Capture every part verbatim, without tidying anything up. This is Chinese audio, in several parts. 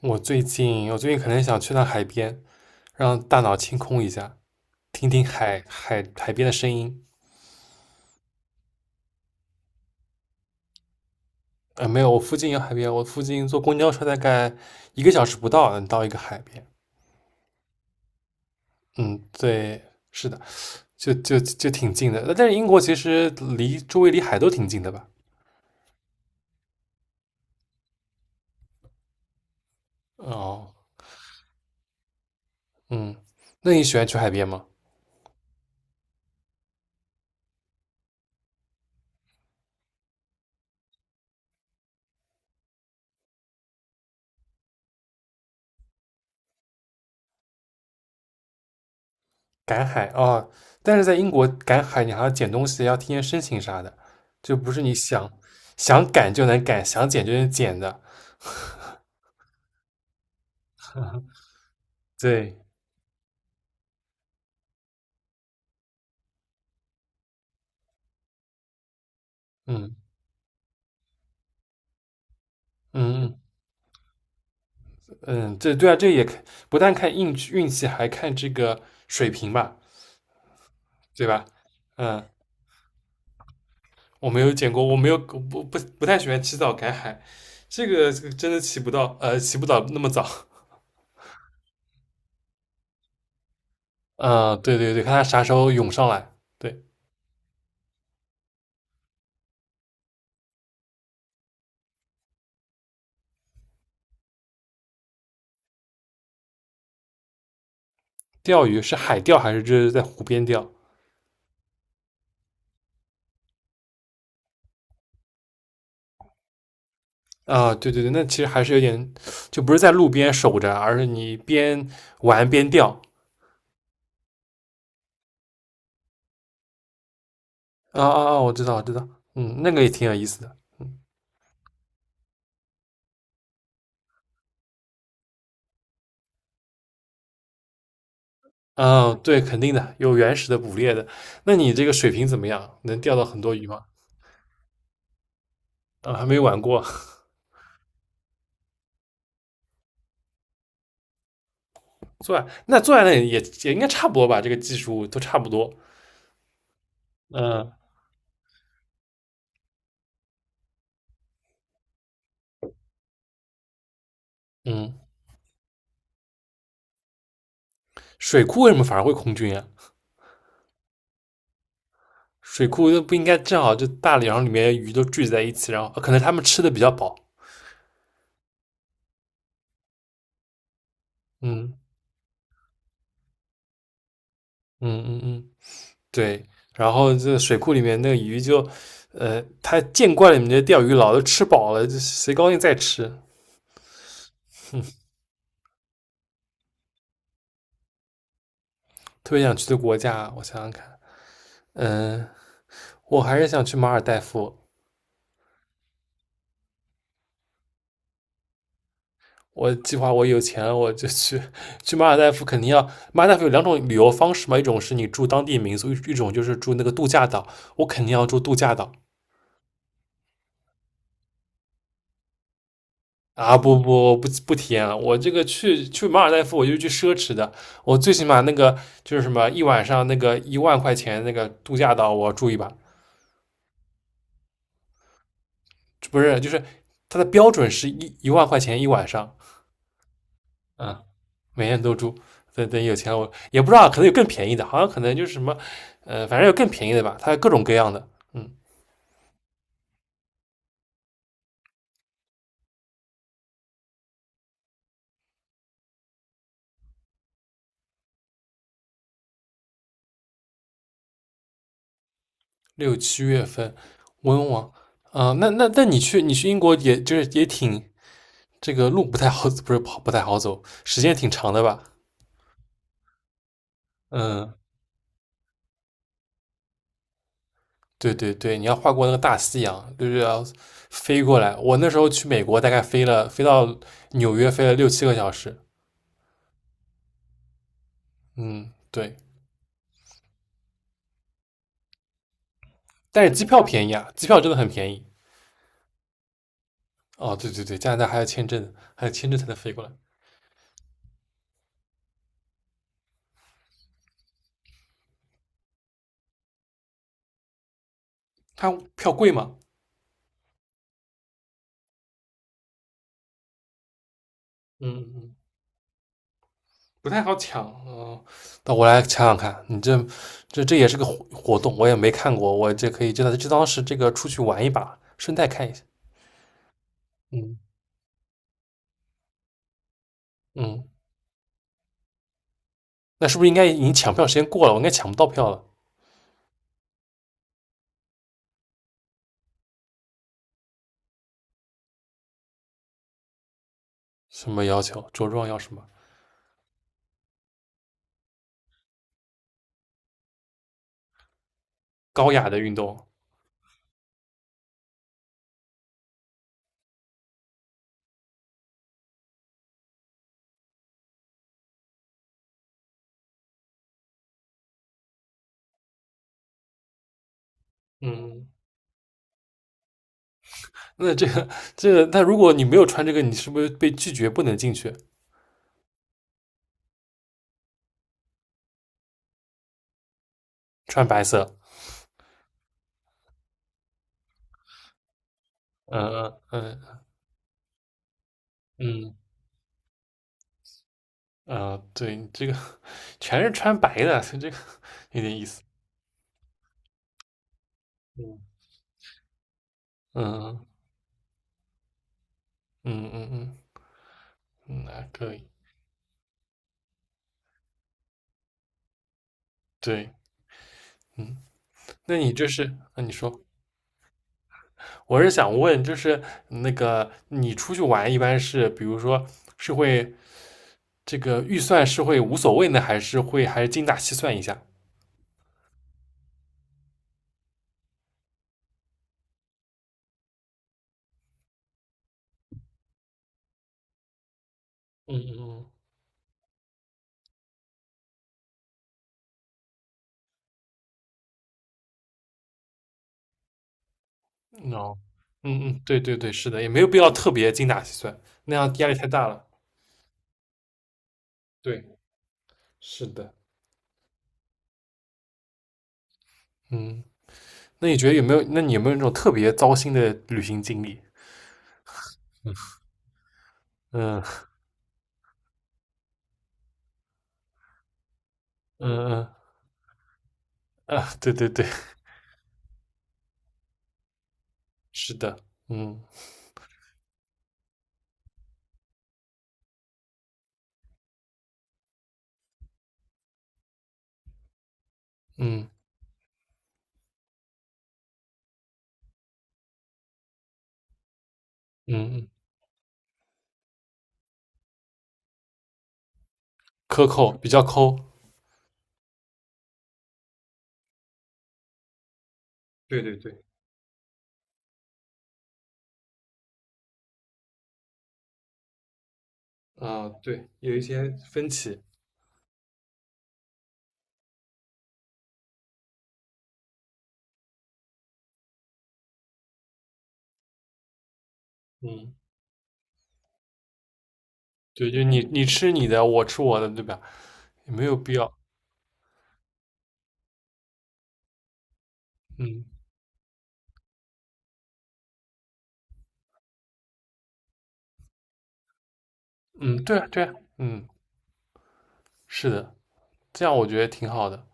我最近，我最近可能想去趟海边，让大脑清空一下，听听海海海边的声音。呃，没有，我附近有海边，我附近坐公交车大概一个小时不到能到一个海边。嗯，对，是的，就就就挺近的。但是英国其实离周围离海都挺近的吧？哦，嗯，那你喜欢去海边吗？赶海哦，但是在英国赶海，你还要捡东西，要提前申请啥的，就不是你想想赶就能赶，想捡就能捡的。对，嗯嗯嗯，这对啊，这也看不但看运气运气，还看这个水平吧，对吧？嗯，我没有见过，我没有不不不太喜欢起早赶海，这个这个真的起不到，呃，起不到那么早。嗯，对对对，看他啥时候涌上来。对，钓鱼是海钓还是就是在湖边钓？啊，对对对，那其实还是有点，就不是在路边守着，而是你边玩边钓。啊啊啊，我知道我知道，嗯，那个也挺有意思的。嗯。啊，对，肯定的，有原始的捕猎的。那你这个水平怎么样？能钓到很多鱼吗？啊，还没玩过。坐那坐在那里也也应该差不多吧，这个技术都差不多。嗯嗯，水库为什么反而会空军啊？水库又不应该正好就大梁里面鱼都聚集在一起，然后呃可能他们吃的比较饱。嗯嗯嗯嗯，对。然后这水库里面那个鱼就，呃，他见惯了你们这钓鱼佬，都吃饱了，就谁高兴再吃。特别想去的国家，我想想看，嗯、我还是想去马尔代夫。我计划我有钱我就去去马尔代夫，肯定要马尔代夫有两种旅游方式嘛，一种是你住当地民宿，一一种就是住那个度假岛。我肯定要住度假岛啊！不不不不体验了，我这个去去马尔代夫我就去奢侈的，我最起码那个就是什么一晚上那个一万块钱那个度假岛我住一把，不是就是它的标准是一一万块钱一晚上，啊，每天都住。等等有钱了，我也不知道，可能有更便宜的，好像可能就是什么，呃，反正有更便宜的吧，它各种各样的。嗯，六七月份温网啊、呃那那那你去你去英国也也就是也挺这个路不太好，不是跑不太好走，时间挺长的吧？嗯，对对对，你要跨过那个大西洋，就是要飞过来。我那时候去美国大概飞了飞到纽约飞了六七个小时。嗯，对，但是机票便宜啊，机票真的很便宜。哦，对对对，加拿大还要签证，还要签证才能飞过来。它票贵吗？嗯嗯嗯不太好抢。嗯，那我来抢抢看。你这这这也是个活活动，我也没看过，我这可以就当就当是这个出去玩一把，顺带看一下。嗯，嗯，那是不是应该已经抢票时间过了？我应该抢不到票了。什么要求？着装要什么？高雅的运动。嗯，那这个这个，那如果你没有穿这个，你是不是被拒绝不能进去？穿白色。嗯嗯嗯。嗯啊、对，这个全是穿白的，所以这个有点意思。嗯嗯嗯嗯嗯，嗯，那可以。对，嗯，那你就是，那你说，我是想问，就是那个你出去玩一般是，比如说是会这个预算是会无所谓呢，还是会还是精打细算一下？嗯嗯嗯，哦，嗯嗯，对对对，是的，也没有必要特别精打细算，那样压力太大了。对，是的，嗯。那你觉得有没有？那你有没有那种特别糟心的旅行经历？嗯嗯嗯啊，对对对，是的，嗯嗯嗯嗯，克扣比较抠，对对对，啊、对，有一些分歧，嗯，对，就你你吃你的，我吃我的，对吧？也没有必要，嗯嗯，对啊对啊，嗯，是的，这样我觉得挺好的，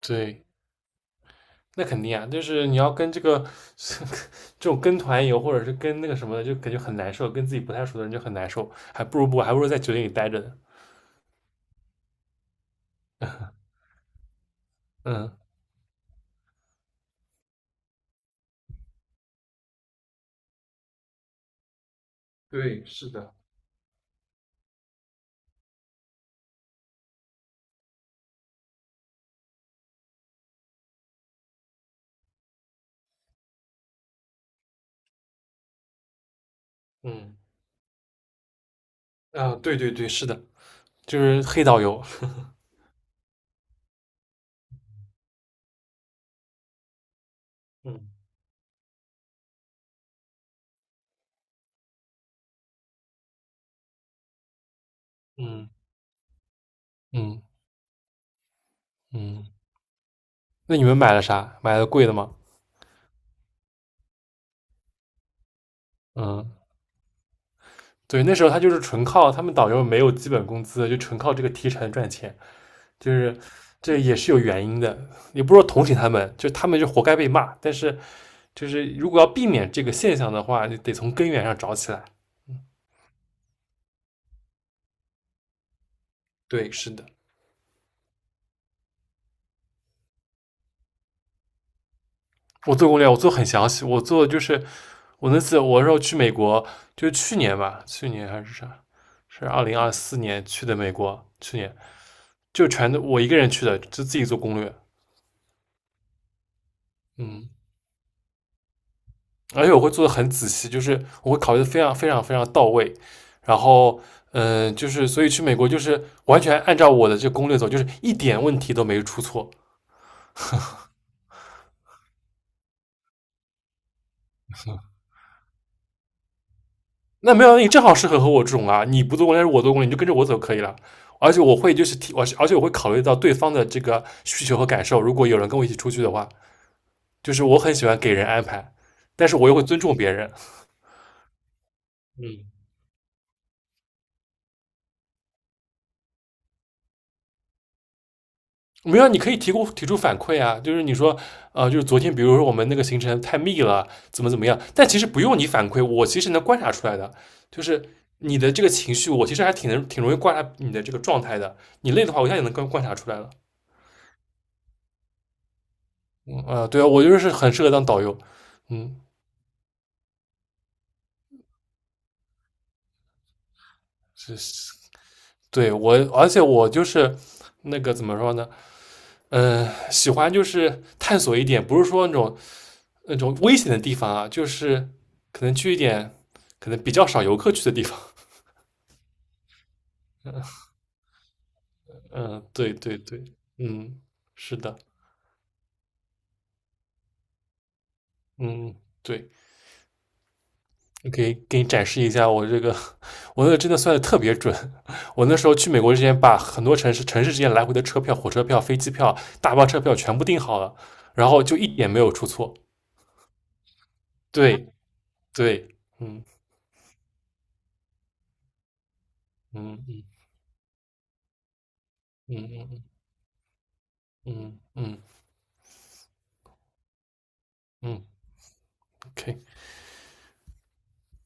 对，那肯定啊，就是你要跟这个 这种跟团游，或者是跟那个什么的，就感觉很难受，跟自己不太熟的人就很难受，还不如不，还不如在酒店里待着呢。嗯对，是的，嗯啊，对对对，是的，就是黑导游。嗯嗯嗯嗯，那你们买了啥？买了贵的吗？嗯，对，那时候他就是纯靠他们导游没有基本工资，就纯靠这个提成赚钱，就是这也是有原因的，你不是说同情他们，就他们就活该被骂，但是就是如果要避免这个现象的话，你得从根源上找起来。对，是的，我做攻略，我做很详细，我做就是我那次我说去美国，就是去年吧，去年还是啥，是二零二四年去的美国，去年就全都我一个人去的，就自己做攻略，嗯，而且我会做的很仔细，就是我会考虑的非常非常非常到位，然后嗯、呃就是所以去美国就是完全按照我的这攻略走，就是一点问题都没出错，那没有，那你正好适合和我这种啊，你不做攻略，我做攻略，你就跟着我走可以了。而且我会就是提，我而且我会考虑到对方的这个需求和感受。如果有人跟我一起出去的话，就是我很喜欢给人安排，但是我又会尊重别人。嗯没有，你可以提供提出反馈啊，就是你说，呃，就是昨天，比如说我们那个行程太密了，怎么怎么样，但其实不用你反馈，我其实能观察出来的，就是你的这个情绪，我其实还挺能挺容易观察你的这个状态的。你累的话，我一下也能观观察出来了。啊，对啊，我就是很适合当导游，嗯，是，是对我，而且我就是那个怎么说呢，嗯、喜欢就是探索一点，不是说那种那种危险的地方啊，就是可能去一点可能比较少游客去的地方，嗯，对对对，嗯，是的，嗯，对。你可以给你展示一下我这个，我那个真的算的特别准。我那时候去美国之前，把很多城市城市之间来回的车票、火车票、飞机票、大巴车票全部订好了，然后就一点没有出错。对对，嗯嗯嗯嗯嗯嗯嗯嗯嗯，OK。